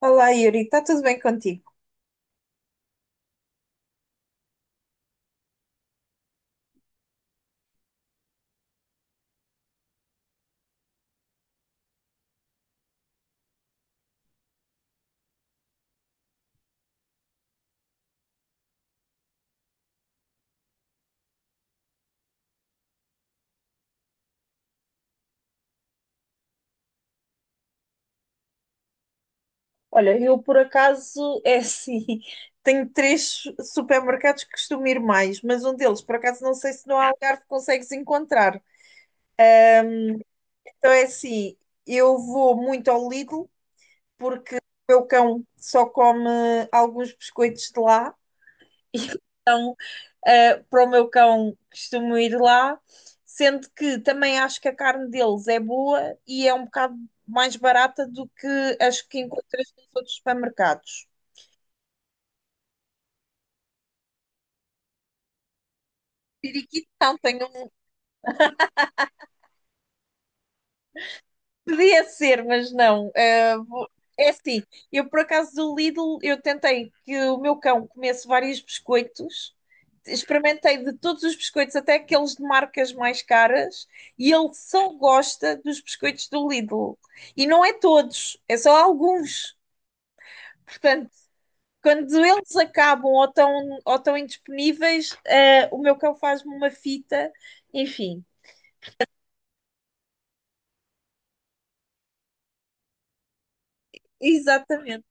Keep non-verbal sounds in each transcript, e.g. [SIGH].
Olá, Yuri, está tudo bem contigo? Olha, eu por acaso é assim, [LAUGHS] tenho três supermercados que costumo ir mais, mas um deles, por acaso, não sei se no Algarve consegues encontrar. Então é assim, eu vou muito ao Lidl porque o meu cão só come alguns biscoitos de lá, então para o meu cão costumo ir lá, sendo que também acho que a carne deles é boa e é um bocado mais barata do que as que encontras nos outros supermercados. Periquitão, tenho um. Podia ser, mas não. Ah, é assim, eu por acaso do Lidl, eu tentei que o meu cão comesse vários biscoitos, experimentei de todos os biscoitos, até aqueles de marcas mais caras, e ele só gosta dos biscoitos do Lidl. E não é todos, é só alguns. Portanto, quando eles acabam ou estão indisponíveis, o meu cão faz-me uma fita, enfim, exatamente.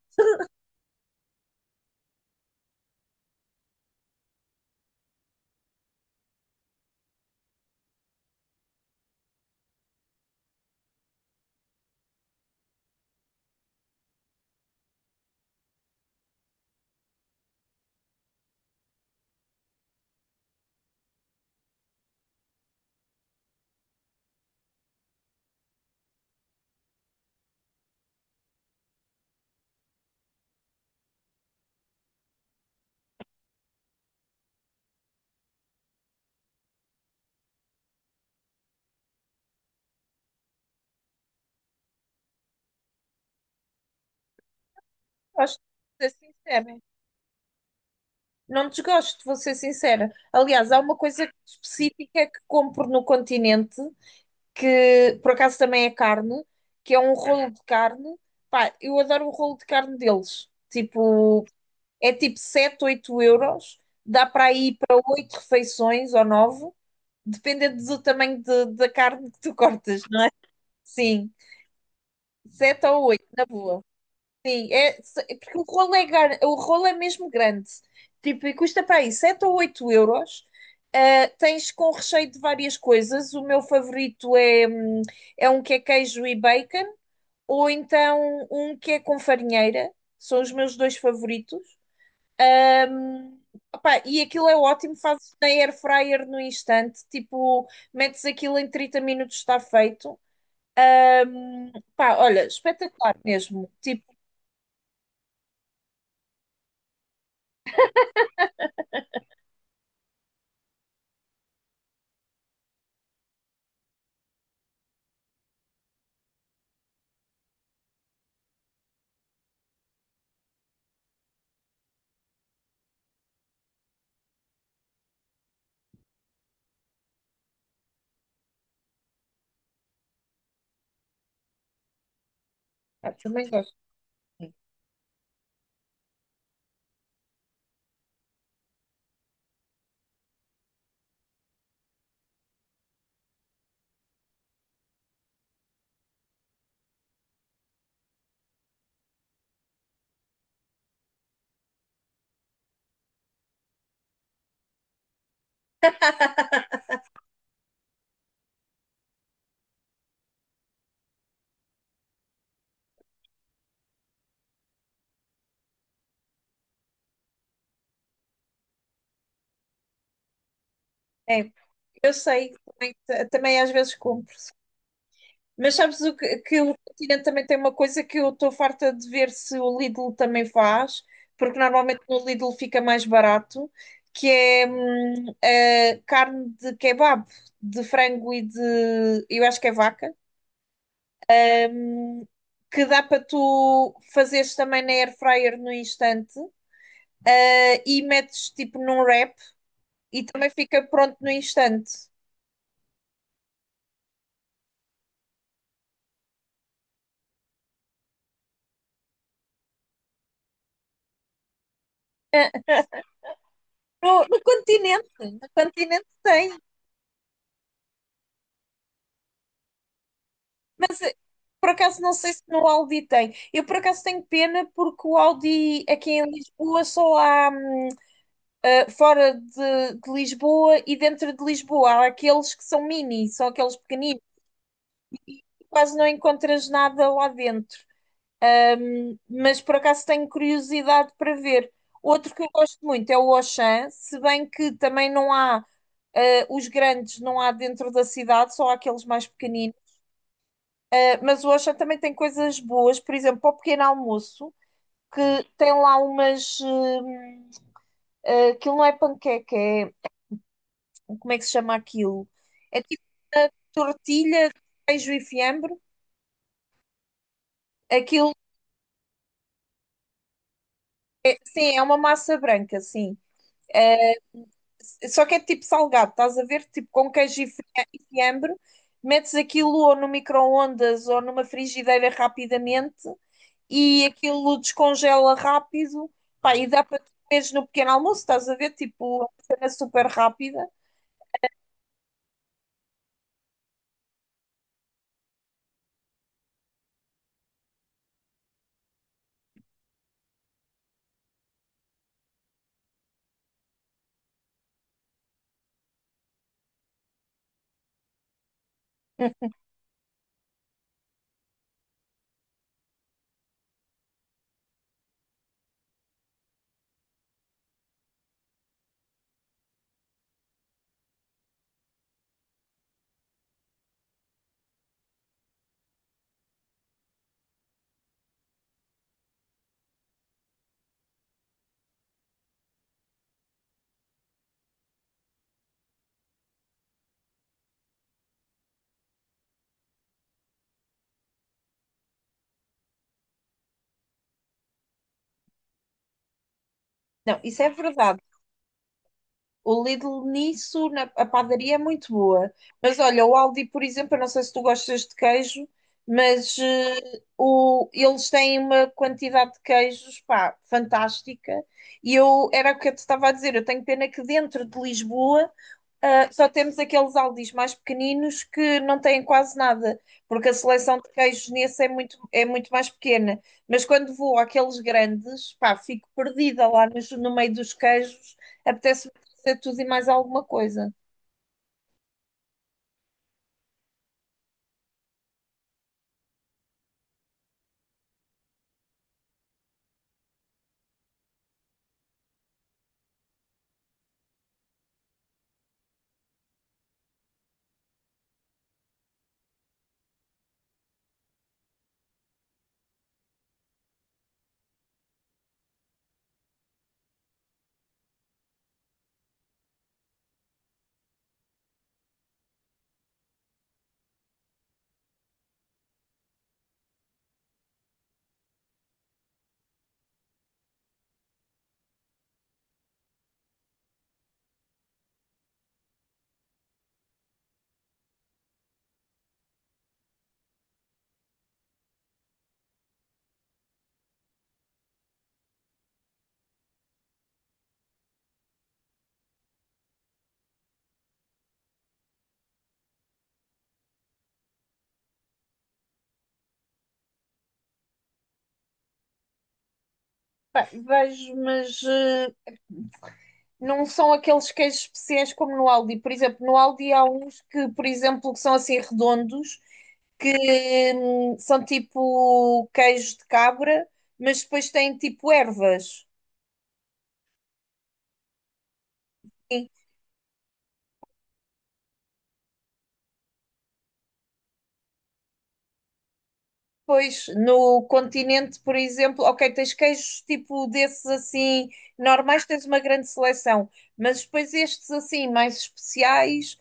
Gosto de ser sincera. Não desgosto, vou ser sincera. Aliás, há uma coisa específica que compro no Continente, que por acaso também é carne, que é um rolo de carne. Pá, eu adoro o rolo de carne deles. Tipo, é tipo 7, 8 euros. Dá para ir para 8 refeições ou 9 dependendo do tamanho da carne que tu cortas, não é? Sim, 7 ou 8 na boa. Sim, é porque o rolo é mesmo grande. Tipo, e custa para aí 7 ou 8 euros. Ah, tens com recheio de várias coisas. O meu favorito é um que é queijo e bacon, ou então um que é com farinheira. São os meus dois favoritos. Ahm, opá, e aquilo é ótimo, fazes na air fryer no instante. Tipo, metes aquilo em 30 minutos, está feito. Pá, olha, espetacular mesmo. Tipo, pá, também gosto. É, eu sei, também às vezes compro. Mas sabes o que, que o Continente também tem uma coisa que eu estou farta de ver se o Lidl também faz, porque normalmente no Lidl fica mais barato, que é a carne de kebab, de frango e eu acho que é vaca, hum, que dá para tu fazeres também na air fryer no instante, e metes tipo num wrap. E também fica pronto no instante. Ah, No, no continente, no Continente tem. Por acaso não sei se no Aldi tem. Eu por acaso tenho pena porque o Aldi aqui em Lisboa só há fora de Lisboa e dentro de Lisboa. Há aqueles que são mini, são aqueles pequeninos. Quase não encontras nada lá dentro. Mas por acaso tenho curiosidade para ver. Outro que eu gosto muito é o Auchan, se bem que também não há os grandes, não há dentro da cidade, só há aqueles mais pequeninos. Mas o Auchan também tem coisas boas, por exemplo, para o pequeno almoço, que tem lá umas. Aquilo não é panqueca, é. Como é que se chama aquilo? É tipo tortilha, de queijo e fiambre. Aquilo, sim, é uma massa branca, sim. Só que é tipo salgado, estás a ver? Tipo com queijo e fiambre, metes aquilo ou no micro-ondas ou numa frigideira rapidamente e aquilo descongela rápido, pá, e dá para tu comeres no pequeno almoço, estás a ver? Tipo, é uma cena super rápida. [LAUGHS] Não, isso é verdade. O Lidl nisso, a padaria é muito boa. Mas olha, o Aldi, por exemplo, eu não sei se tu gostas de queijo, mas eles têm uma quantidade de queijos, pá, fantástica. E eu, era o que eu te estava a dizer, eu tenho pena que dentro de Lisboa só temos aqueles Aldis mais pequeninos que não têm quase nada, porque a seleção de queijos nesse é muito mais pequena. Mas quando vou àqueles grandes, pá, fico perdida lá no meio dos queijos, apetece-me fazer tudo e mais alguma coisa. Pá, vejo, mas não são aqueles queijos especiais como no Aldi. Por exemplo, no Aldi há uns que, por exemplo, que são assim redondos, que são tipo queijos de cabra, mas depois têm tipo ervas. Pois, no Continente, por exemplo, ok, tens queijos tipo desses assim, normais, tens uma grande seleção, mas depois estes assim, mais especiais,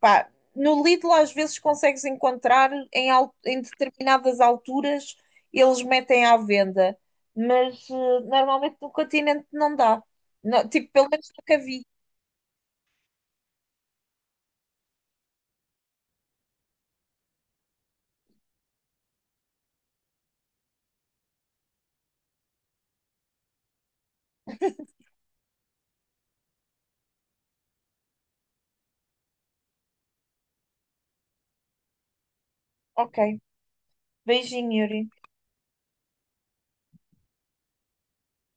pá, no Lidl às vezes consegues encontrar em determinadas alturas, eles metem à venda, mas normalmente no Continente não dá. Tipo, pelo menos nunca vi. Ok. Beijinho, Yuri.